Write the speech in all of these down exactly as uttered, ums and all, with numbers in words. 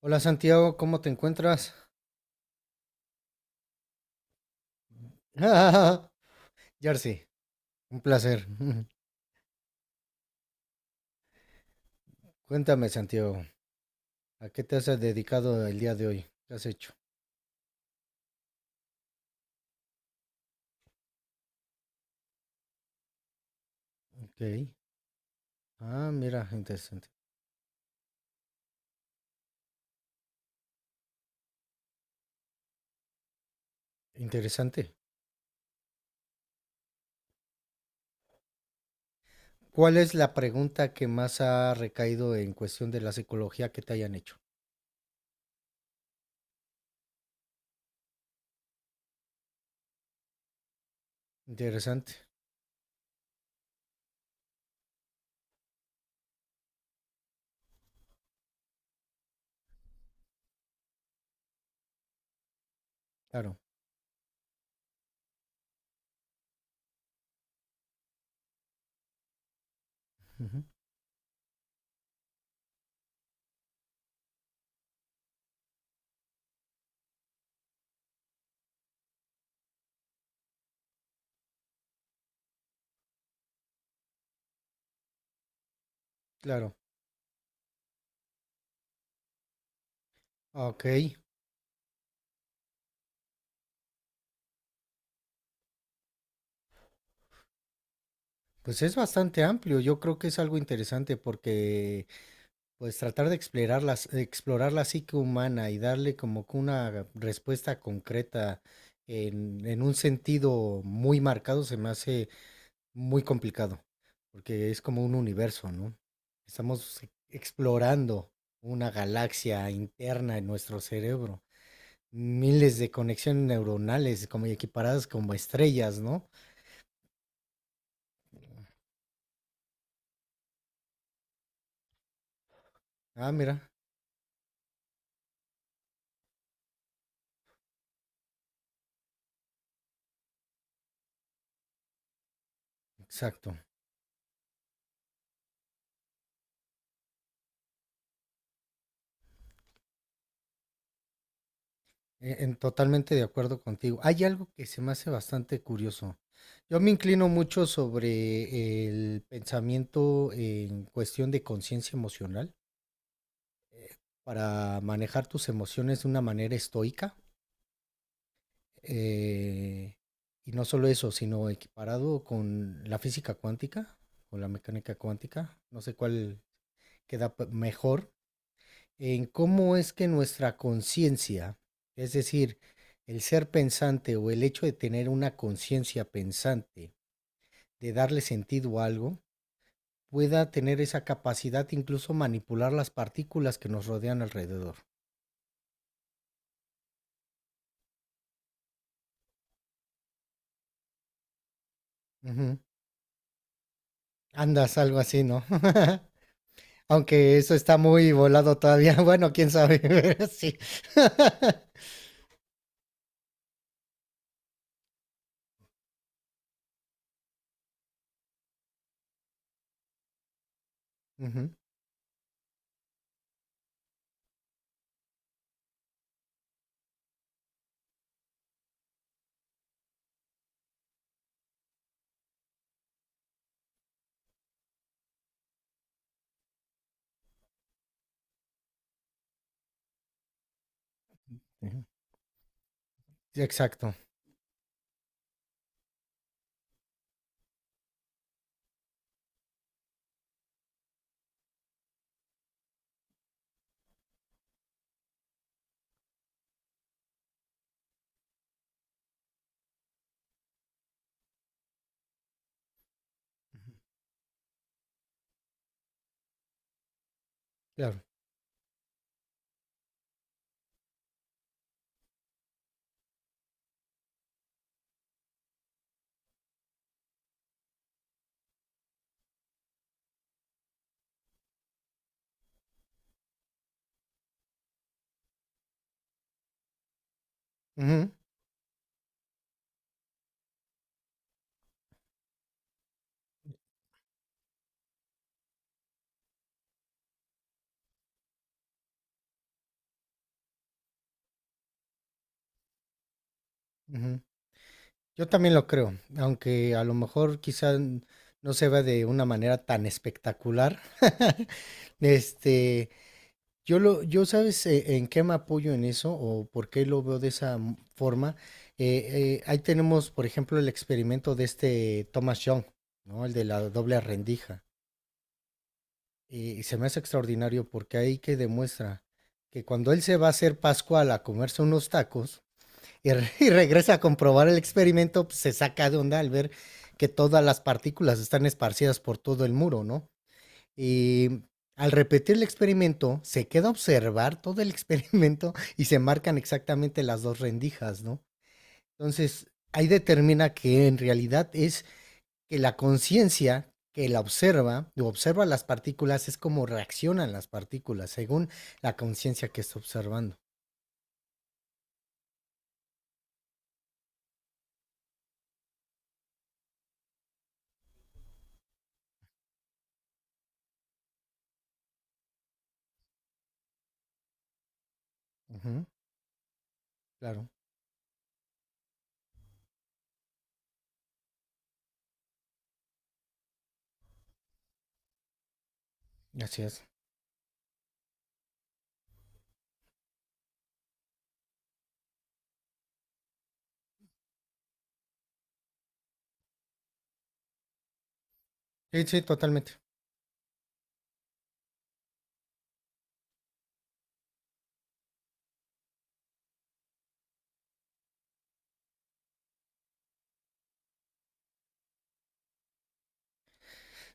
Hola Santiago, ¿cómo te encuentras? Jersey, un placer. Cuéntame Santiago, ¿a qué te has dedicado el día de hoy? ¿Qué has hecho? Ok. Ah, mira, interesante. Interesante. ¿Cuál es la pregunta que más ha recaído en cuestión de la psicología que te hayan hecho? Interesante. Claro. Ujú, claro. Ok. Pues es bastante amplio. Yo creo que es algo interesante porque pues tratar de explorar la, explorar la psique humana y darle como que una respuesta concreta en, en un sentido muy marcado se me hace muy complicado, porque es como un universo, ¿no? Estamos e- explorando una galaxia interna en nuestro cerebro, miles de conexiones neuronales como equiparadas como estrellas, ¿no? Ah, mira, exacto. E- en- totalmente de acuerdo contigo. Hay algo que se me hace bastante curioso. Yo me inclino mucho sobre el pensamiento en cuestión de conciencia emocional para manejar tus emociones de una manera estoica. eh, y no solo eso, sino equiparado con la física cuántica o la mecánica cuántica. No sé cuál queda pe- mejor, en cómo es que nuestra conciencia, es decir, el ser pensante o el hecho de tener una conciencia pensante, de darle sentido a algo, pueda tener esa capacidad de incluso manipular las partículas que nos rodean alrededor. Ujú. Andas algo así, ¿no? Aunque eso está muy volado todavía. Bueno, quién sabe, sí. Ujú, ujú. Sí, exacto. Ujú, claro. Ujú, ujú. Yo también lo creo, aunque a lo mejor quizá n- no se vea de una manera tan espectacular. Este, yo lo, yo sabes eh, en qué me apoyo en eso o por qué lo veo de esa m- forma. Eh, eh, ahí tenemos, por ejemplo, el experimento de este Thomas Young, ¿no? El de la doble rendija. Eh, Y se me hace extraordinario porque ahí que demuestra que cuando él se va a hacer Pascual a comerse unos tacos, y, re- y regresa a comprobar el experimento, pues, se saca de onda al ver que todas las partículas están esparcidas por todo el muro, ¿no? Y al repetir el experimento, se queda a observar todo el experimento y se marcan exactamente las dos rendijas, ¿no? Entonces, ahí determina que en realidad es que la conciencia que la observa o observa las partículas es como reaccionan las partículas según la conciencia que está observando. Ujú, claro, así es. Sí, sí, totalmente.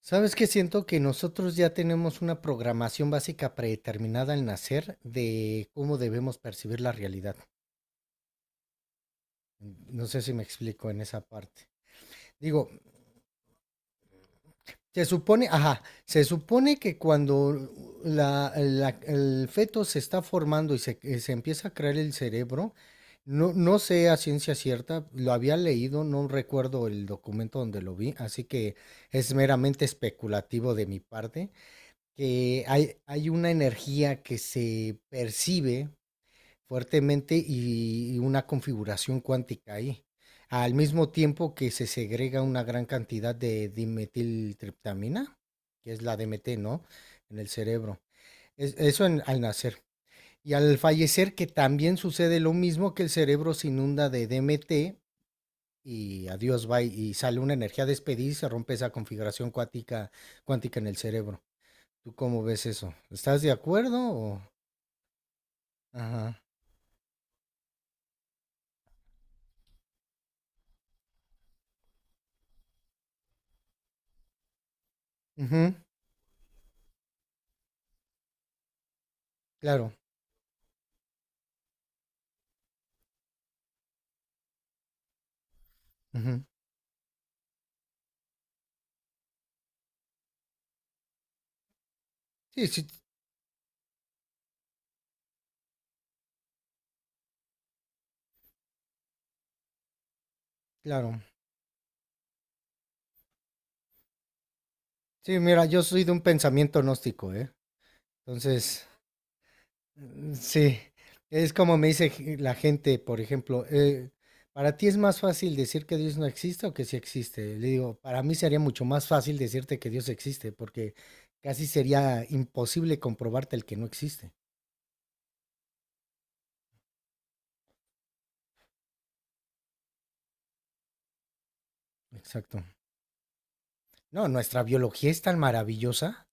¿Sabes qué? Siento que nosotros ya tenemos una programación básica predeterminada al nacer de cómo debemos percibir la realidad. No sé si me explico en esa parte. Digo, se supone, ajá, se supone que cuando la- la- el feto se está formando y se, eh, se empieza a crear el cerebro, no, no sé a ciencia cierta, lo había leído, no recuerdo el documento donde lo vi, así que es meramente especulativo de mi parte que hay, hay una energía que se percibe fuertemente y, y una configuración cuántica ahí, al mismo tiempo que se segrega una gran cantidad de dimetiltriptamina, que es la D M T, ¿no? En el cerebro. Es, eso en, al nacer. Y al fallecer, que también sucede lo mismo que el cerebro se inunda de D M T y adiós, va y sale una energía despedida y se rompe esa configuración cuántica, cuántica en el cerebro. ¿Tú cómo ves eso? ¿Estás de acuerdo o...? Ajá. Ujú, claro. Ujú. Sí, sí, claro. Sí, mira, yo soy de un pensamiento gnóstico, ¿eh? Entonces, mm, sí, es como me dice g- la gente, por ejemplo, eh, ¿para ti es más fácil decir que Dios no existe o que sí existe? Le digo, para mí sería mucho más fácil decirte que Dios existe, porque casi sería imposible comprobarte el que no existe. Exacto. No, nuestra biología es tan maravillosa.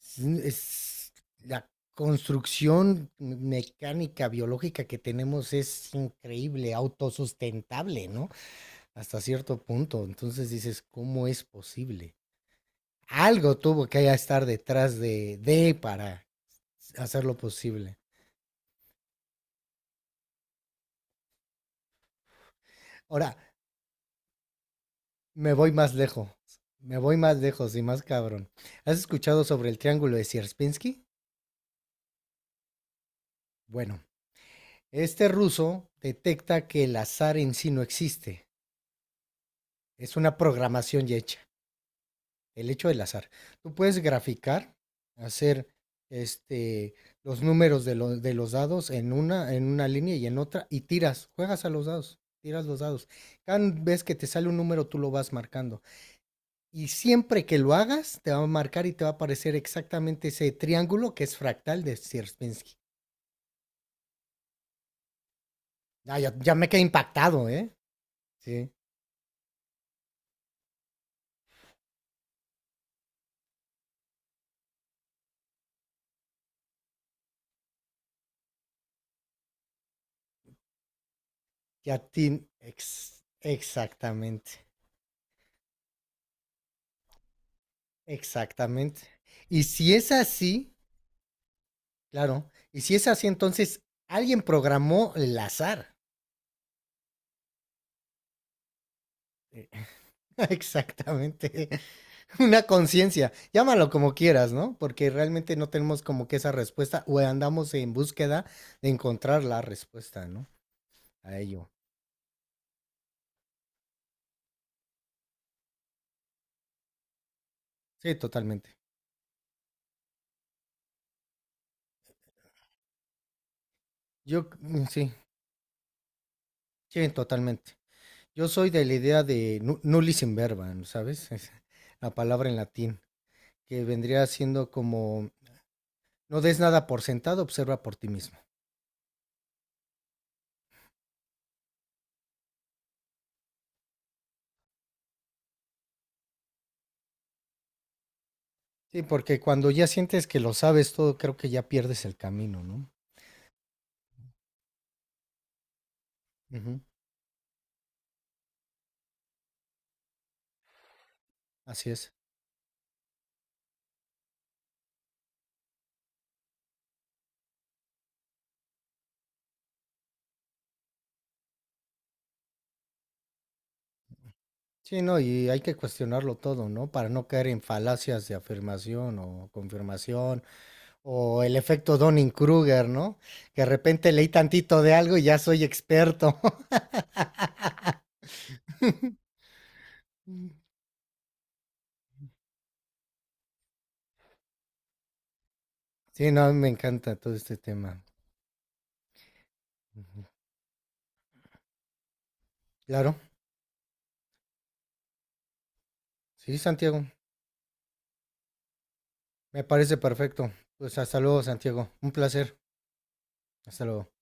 Es, es- la construcción mecánica, biológica que tenemos es increíble, autosustentable, ¿no? Hasta cierto punto. Entonces dices, ¿cómo es posible? Algo tuvo que estar detrás de, de para hacerlo posible. Ahora, me voy más lejos. Me voy más lejos y más cabrón. ¿Has escuchado sobre el triángulo de Sierpinski? Bueno, este ruso detecta que el azar en sí no existe. Es una programación ya hecha, el hecho del azar. Tú puedes graficar, hacer este, los números de, lo- de los dados en una, en una línea y en otra y tiras, juegas a los dados, tiras los dados. Cada vez que te sale un número, tú lo vas marcando. Y siempre que lo hagas, te va a marcar y te va a aparecer exactamente ese triángulo que es fractal de Sierpinski. Ah, ya, ya me quedé impactado, ¿eh? Sí. Ya ti ex- exactamente, exactamente. Y si es así, claro. Y si es así, entonces alguien programó el azar. Exactamente. Una conciencia. Llámalo como quieras, ¿no? Porque realmente no tenemos como que esa respuesta o andamos en búsqueda de encontrar la respuesta, ¿no? A ello. Sí, totalmente. Yo, mm, sí, sí, totalmente. Yo soy de la idea de nu- nullis in verba, ¿no? ¿Sabes? Es la palabra en latín, que vendría siendo como, no des nada por sentado, observa por ti mismo. Sí, porque cuando ya sientes que lo sabes todo, creo que ya pierdes el camino, ¿no? Ujú, así es. Sí, no, y hay que cuestionarlo todo, ¿no? Para no caer en falacias de afirmación o confirmación o el efecto Dunning-Kruger, ¿no? Que de repente leí tantito de algo y ya soy experto. Mm. Sí, no, a mí me encanta todo este tema. Ujú. Claro, sí, Santiago, me parece perfecto. Pues hasta luego, Santiago. Un placer. Hasta luego.